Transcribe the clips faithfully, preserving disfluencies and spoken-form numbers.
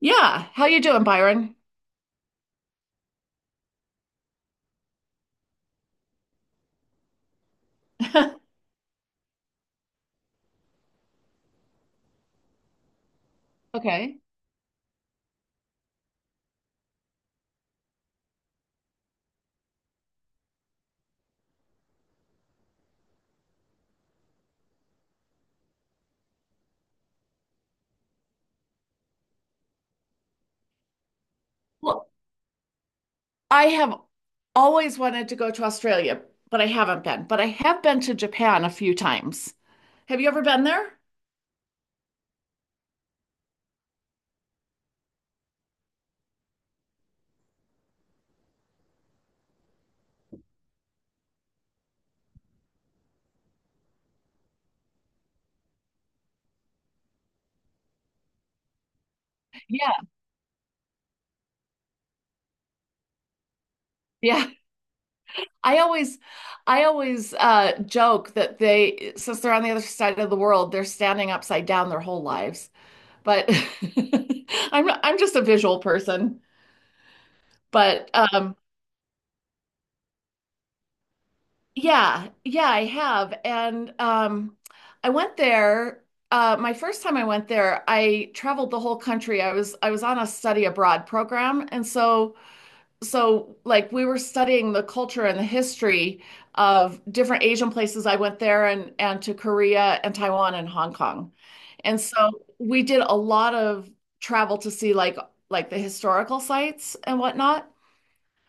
Yeah, how you doing, Byron? Okay. Well, I have always wanted to go to Australia, but I haven't been. But I have been to Japan a few times. Have you ever been there? Yeah, yeah. I always, I always uh, joke that they, since they're on the other side of the world, they're standing upside down their whole lives. But I'm I'm just a visual person. But um, Yeah, yeah, I have. And um, I went there uh, my first time I went there, I traveled the whole country. I was I was on a study abroad program, and so so like we were studying the culture and the history of different Asian places. I went there and and to Korea and Taiwan and Hong Kong. And so we did a lot of travel to see like like the historical sites and whatnot.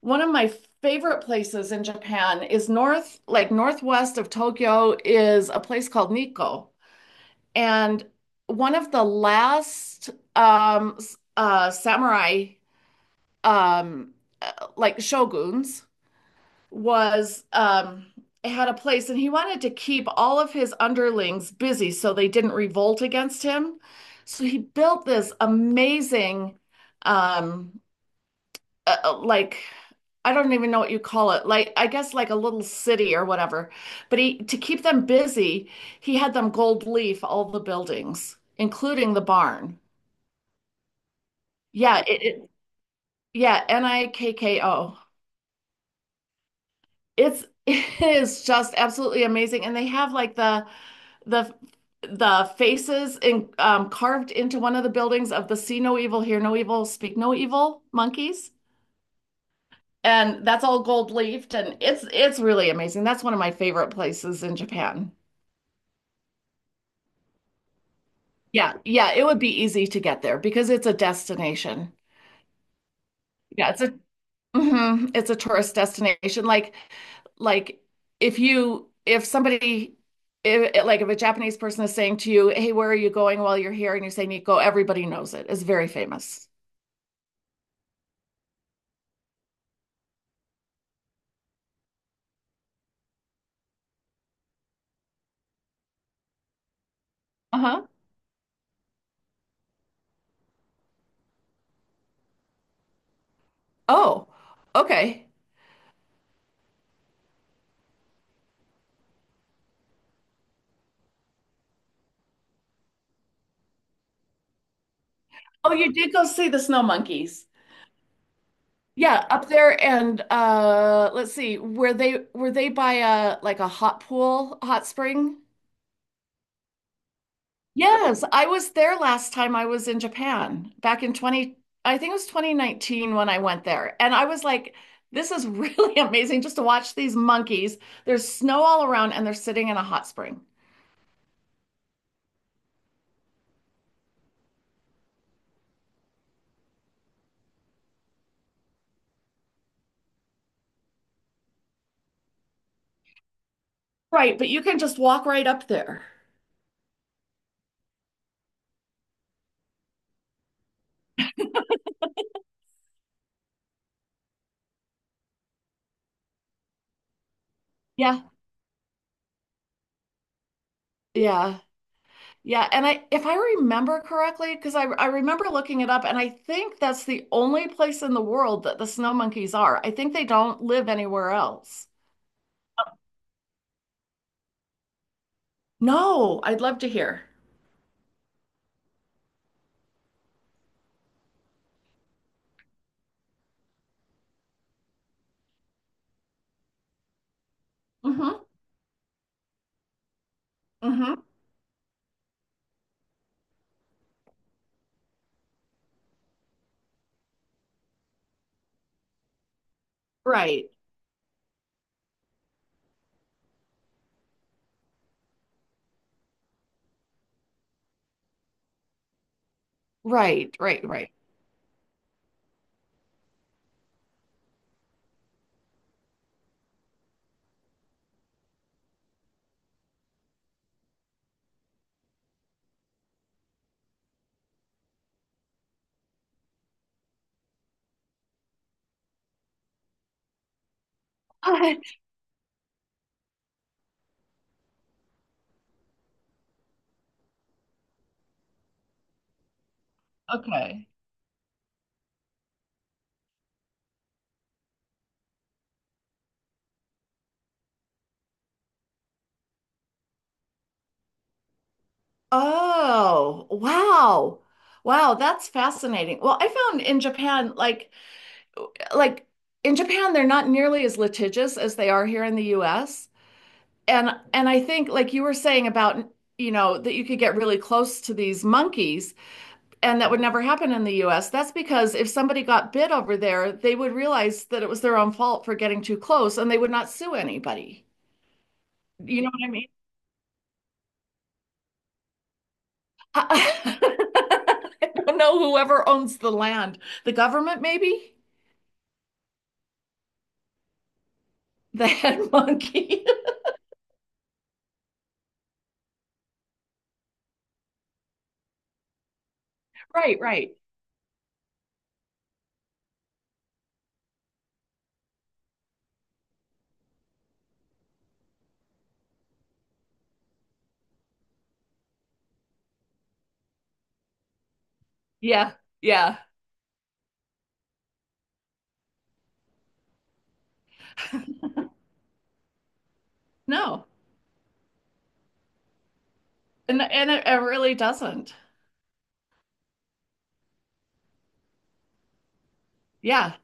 One of my favorite places in Japan is north, like northwest of Tokyo, is a place called Nikko. And one of the last um, s- uh, samurai, um, uh, like shoguns, was um, had a place, and he wanted to keep all of his underlings busy so they didn't revolt against him. So he built this amazing um, uh, uh, like I don't even know what you call it. Like I guess like a little city or whatever. But he to keep them busy, he had them gold leaf all the buildings, including the barn. Yeah, it, it yeah, N I K K O. It's it is just absolutely amazing. And they have like the the the faces in, um, carved into one of the buildings of the See No Evil, Hear No Evil, Speak No Evil monkeys, and that's all gold leafed and it's it's really amazing. That's one of my favorite places in Japan. Yeah, yeah, it would be easy to get there because it's a destination. Yeah, it's a mhm, it's a tourist destination. Like like if you if somebody if like if a Japanese person is saying to you, "Hey, where are you going while you're here?" and you're saying Nikko, everybody knows it. It's very famous. Uh-huh. Oh, okay. Oh, you did go see the snow monkeys. Yeah, up there and uh let's see, were they were they by a like a hot pool, hot spring? Yes, I was there last time I was in Japan back in twenty, I think it was twenty nineteen when I went there. And I was like, this is really amazing just to watch these monkeys. There's snow all around and they're sitting in a hot spring. Right, but you can just walk right up there. Yeah. Yeah. Yeah, and I if I remember correctly, because I I remember looking it up, and I think that's the only place in the world that the snow monkeys are. I think they don't live anywhere else. No, I'd love to hear. Mm-hmm. Mm-hmm. Right. Right, right, right. Okay. Oh, wow. Wow, that's fascinating. Well, I found in Japan, like like in Japan, they're not nearly as litigious as they are here in the U S. and and I think like you were saying about you know that you could get really close to these monkeys and that would never happen in the U S. That's because if somebody got bit over there, they would realize that it was their own fault for getting too close and they would not sue anybody. You know what I mean? I don't know whoever owns the land. The government maybe? The head monkey. Right, right. Yeah. Yeah. No. And and it, it really doesn't. Yeah.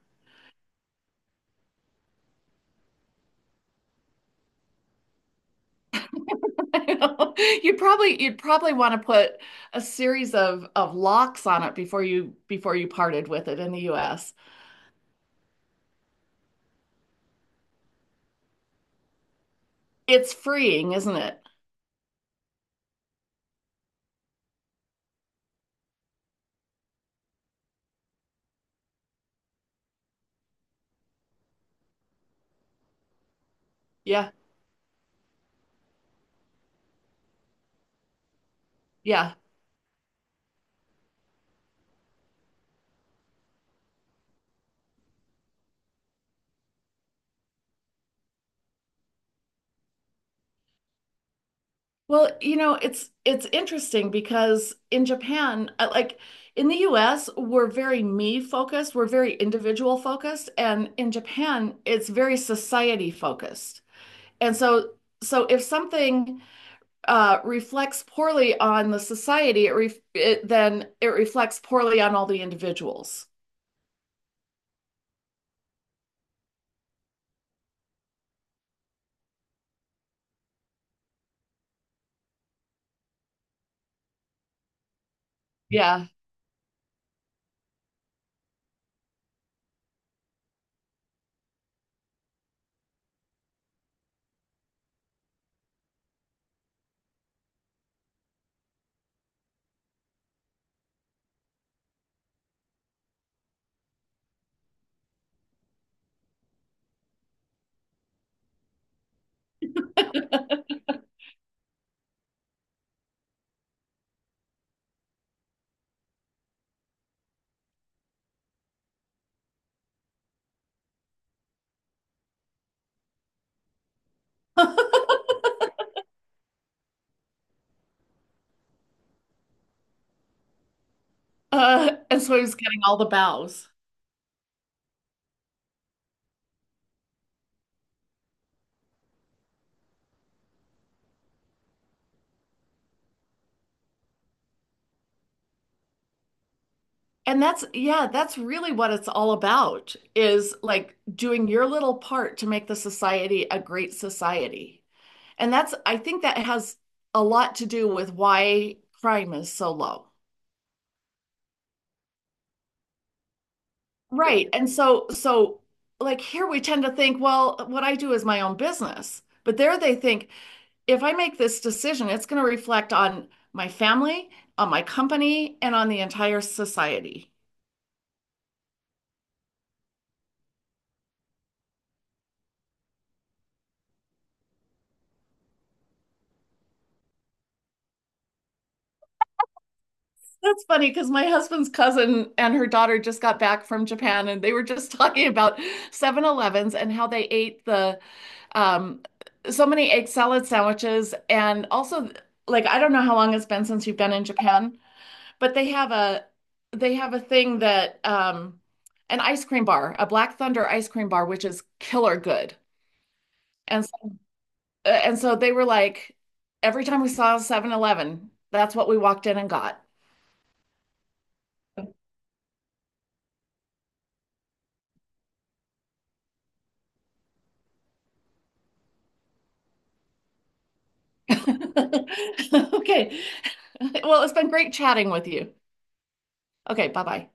You'd probably you'd probably want to put a series of of locks on it before you before you parted with it in the U S. It's freeing, isn't it? Yeah. Yeah. Well, you know, it's it's interesting because in Japan, uh, like in the U S, we're very me focused, we're very individual focused, and in Japan, it's very society focused. And so so if something uh, reflects poorly on the society, it ref it, then it reflects poorly on all the individuals. Yeah. Uh, and so he was getting all the bows. And that's, yeah, that's really what it's all about is like doing your little part to make the society a great society. And that's, I think that has a lot to do with why crime is so low. Right. And so, so like here we tend to think, well, what I do is my own business. But there they think, if I make this decision, it's going to reflect on my family, on my company, and on the entire society. That's funny because my husband's cousin and her daughter just got back from Japan and they were just talking about Seven Elevens and how they ate the um, so many egg salad sandwiches. And also, like, I don't know how long it's been since you've been in Japan, but they have a they have a thing that um, an ice cream bar, a Black Thunder ice cream bar, which is killer good. And uh, and so they were like, every time we saw seven-Eleven, that's what we walked in and got. Okay. Well, it's been great chatting with you. Okay, bye-bye.